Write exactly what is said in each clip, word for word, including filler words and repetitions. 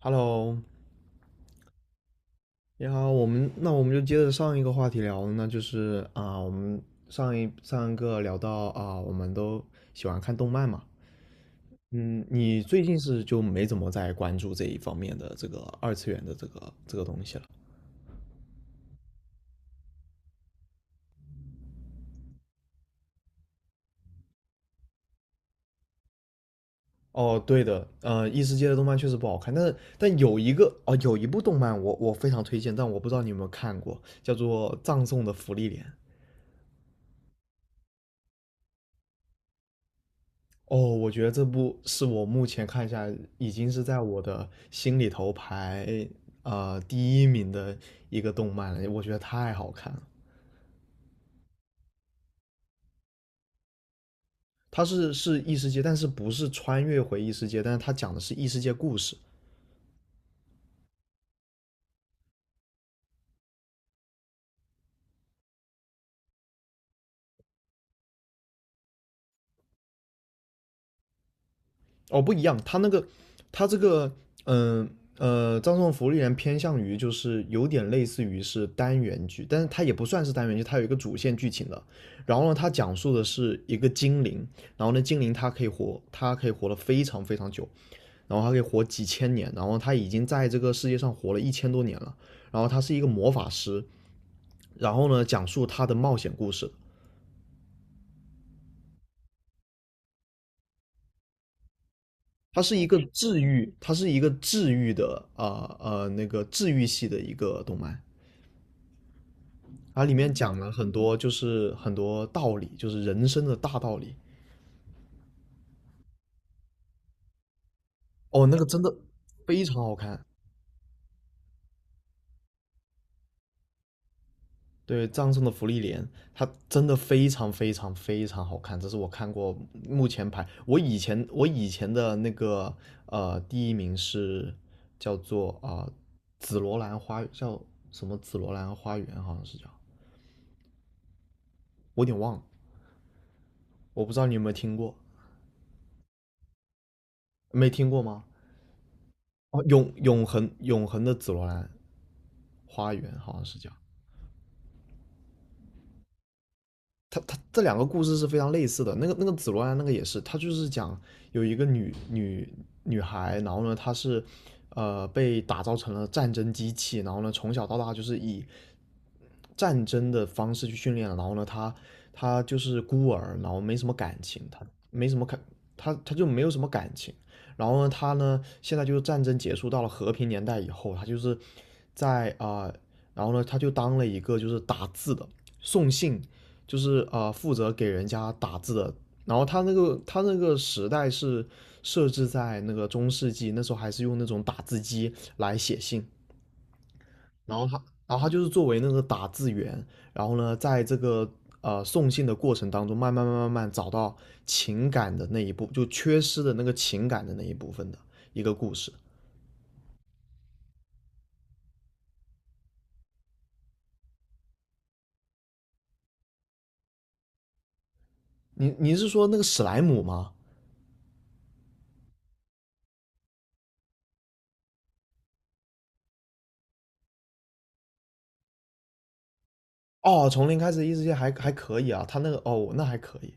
Hello，你好，我们那我们就接着上一个话题聊，那就是啊，我们上一上一个聊到啊，我们都喜欢看动漫嘛。嗯，你最近是就没怎么在关注这一方面的这个二次元的这个这个东西了？哦，对的，呃，异世界的动漫确实不好看，但是但有一个哦，有一部动漫我我非常推荐，但我不知道你有没有看过，叫做《葬送的芙莉莲》。哦，我觉得这部是我目前看下已经是在我的心里头排呃第一名的一个动漫了，我觉得太好看了。它是是异世界，但是不是穿越回异世界，但是它讲的是异世界故事。哦，不一样，他那个他这个嗯呃葬送福利人偏向于就是有点类似于是单元剧，但是它也不算是单元剧，它有一个主线剧情的。然后呢，它讲述的是一个精灵。然后呢，精灵它可以活，它可以活得非常非常久，然后它可以活几千年，然后它已经在这个世界上活了一千多年了。然后他是一个魔法师，然后呢，讲述他的冒险故事。它是一个治愈，它是一个治愈的啊呃呃那个治愈系的一个动漫。它里面讲了很多，就是很多道理，就是人生的大道理。哦，那个真的非常好看。对，葬送的芙莉莲，它真的非常非常非常好看，这是我看过目前排。我以前我以前的那个呃第一名是叫做啊、呃紫罗兰花叫什么紫罗兰花园好像是叫，我有点忘了。我不知道你有没有听过，没听过吗？哦，永永恒永恒的紫罗兰花园好像是叫。他他这两个故事是非常类似的。那个那个紫罗兰那个也是，他就是讲有一个女女女孩。然后呢，她是呃被打造成了战争机器。然后呢，从小到大就是以战争的方式去训练。然后呢，她她就是孤儿，然后没什么感情，她没什么感，她她就没有什么感情。然后呢，她呢，现在就是战争结束到了和平年代以后，她就是在啊、呃然后呢，她就当了一个就是打字的送信，就是啊、呃负责给人家打字的。然后他那个他那个时代是设置在那个中世纪，那时候还是用那种打字机来写信。然后他，然后他就是作为那个打字员。然后呢，在这个呃送信的过程当中，慢慢慢慢慢找到情感的那一部，就缺失的那个情感的那一部分的一个故事。你你是说那个史莱姆吗？哦，从零开始异世界还还可以啊，他那个哦，那还可以。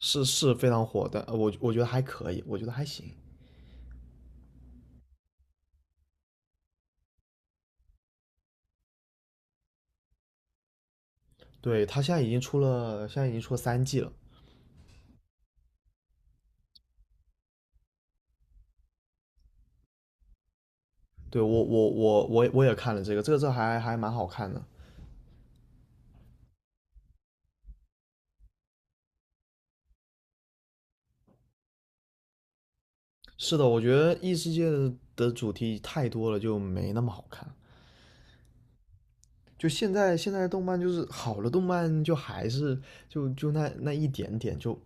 是是非常火的，呃我我觉得还可以，我觉得还行。对，他现在已经出了，现在已经出了三季了。对，我我我我我也看了这个，这个这还还蛮好看的。是的，我觉得异世界的的主题太多了，就没那么好看。就现在现在动漫就是好的动漫，就还是就就那那一点点就，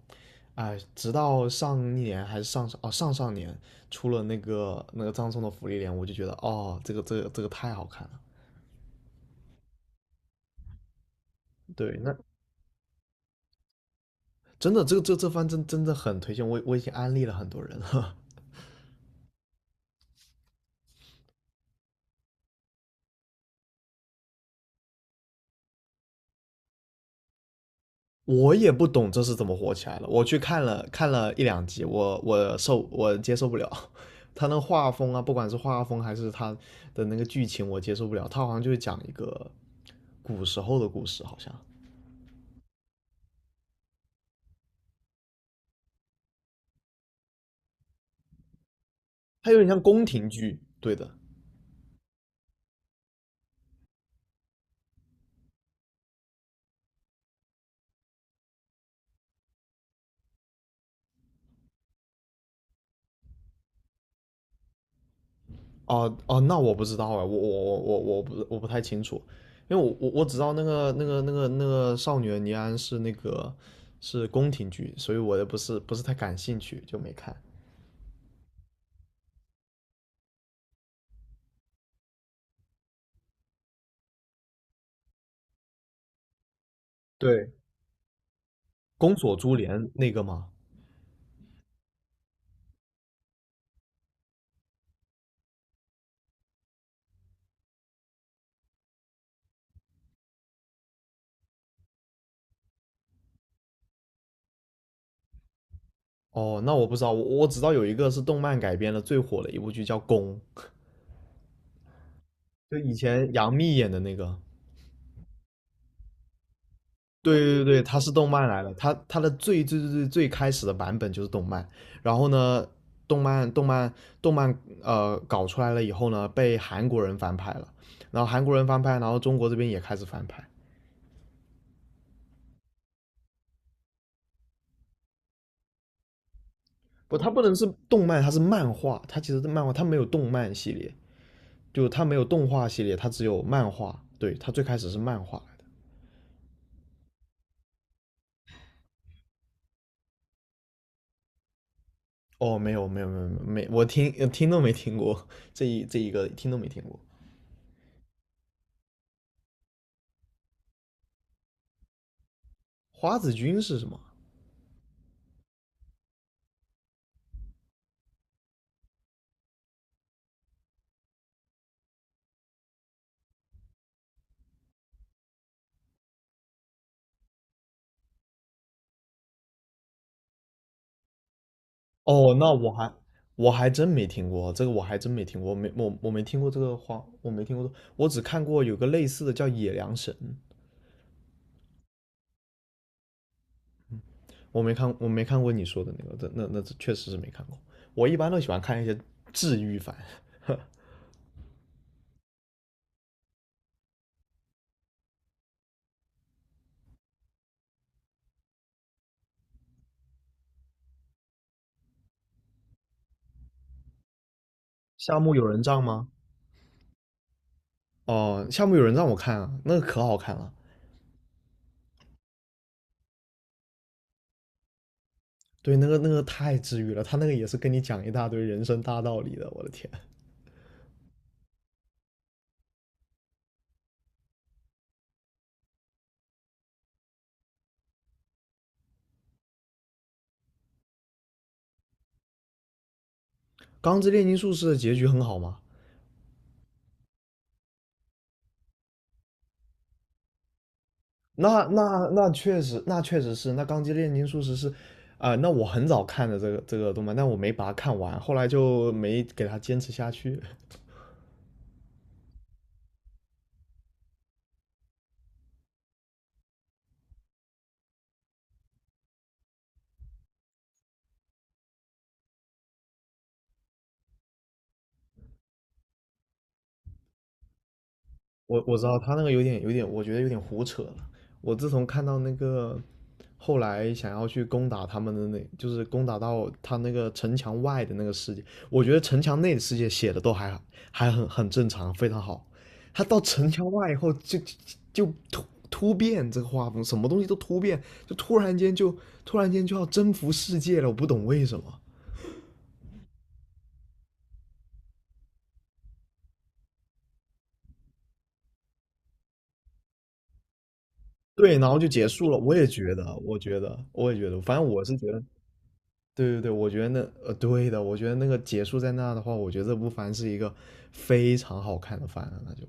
哎，直到上一年还是上上哦上上年出了那个那个葬送的芙莉莲，我就觉得哦这个这个这个太好看了。对，那真的，这个这这番真真的很推荐，我我已经安利了很多人了。我也不懂这是怎么火起来了，我去看了看了一两集，我我受我接受不了。他那画风啊，不管是画风还是他的那个剧情，我接受不了。他好像就是讲一个古时候的故事，好像他有点像宫廷剧，对的。哦哦，那我不知道哎，我我我我我不我不太清楚，因为我我我只知道那个那个那个那个少女的尼安是那个是宫廷剧，所以我也不是不是太感兴趣，就没看。对，宫锁珠帘那个吗？哦，那我不知道，我我只知道有一个是动漫改编的最火的一部剧叫《宫》，就以前杨幂演的那个。对对对，它是动漫来的，它它的最最最最最开始的版本就是动漫。然后呢，动漫动漫动漫呃搞出来了以后呢，被韩国人翻拍了。然后韩国人翻拍，然后中国这边也开始翻拍。不，它不能是动漫，它是漫画，它其实是漫画，它没有动漫系列，就它没有动画系列，它只有漫画，对，它最开始是漫画来的。哦，没有没有没有没有，我听听都没听过，这一这一个听都没听过。花子君是什么？哦，那我还我还真没听过这个，我还真没听过，我没我我没听过这个话，我没听过。我只看过有个类似的叫野良神，我没看我没看过你说的那个，这那那这确实是没看过。我一般都喜欢看一些治愈番。夏目友人帐吗？哦，夏目友人帐我看啊，那个可好看了。对，那个那个太治愈了，他那个也是跟你讲一大堆人生大道理的，我的天！《钢之炼金术师》的结局很好吗？那那那确实，那确实是，那《钢之炼金术师》是，啊、那我很早看的这个这个动漫，但我没把它看完，后来就没给它坚持下去。我我知道他那个有点有点，我觉得有点胡扯了。我自从看到那个后来想要去攻打他们的那，就是攻打到他那个城墙外的那个世界，我觉得城墙内的世界写的都还还很很正常，非常好。他到城墙外以后就就就突突变这个画风，什么东西都突变，就突然间就突然间就要征服世界了，我不懂为什么。对，然后就结束了。我也觉得，我觉得，我也觉得，反正我是觉得对对对，我觉得那呃，对的，我觉得那个结束在那的话，我觉得这部番是一个非常好看的番了，那就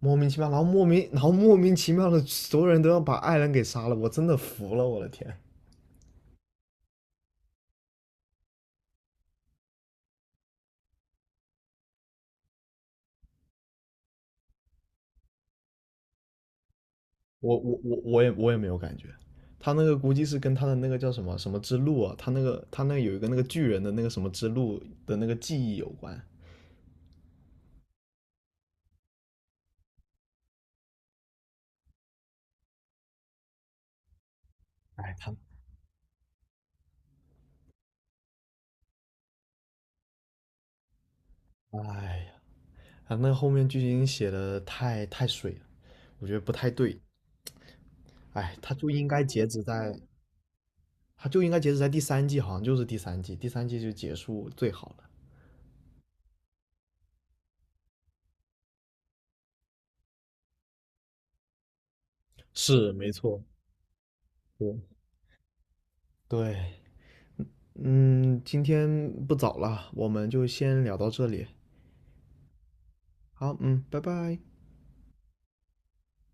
莫名其妙，然后莫名，然后莫名其妙的，所有人都要把爱人给杀了，我真的服了，我的天。我我我我也我也没有感觉，他那个估计是跟他的那个叫什么什么之路啊，他那个他那有一个那个巨人的那个什么之路的那个记忆有关。哎他哎呀，他那个后面剧情写的太太水了，我觉得不太对。哎，他就应该截止在。它就应该截止在第三季，好像就是第三季，第三季就结束最好了。是没错，对，对，嗯，今天不早了，我们就先聊到这里。好，嗯，拜拜。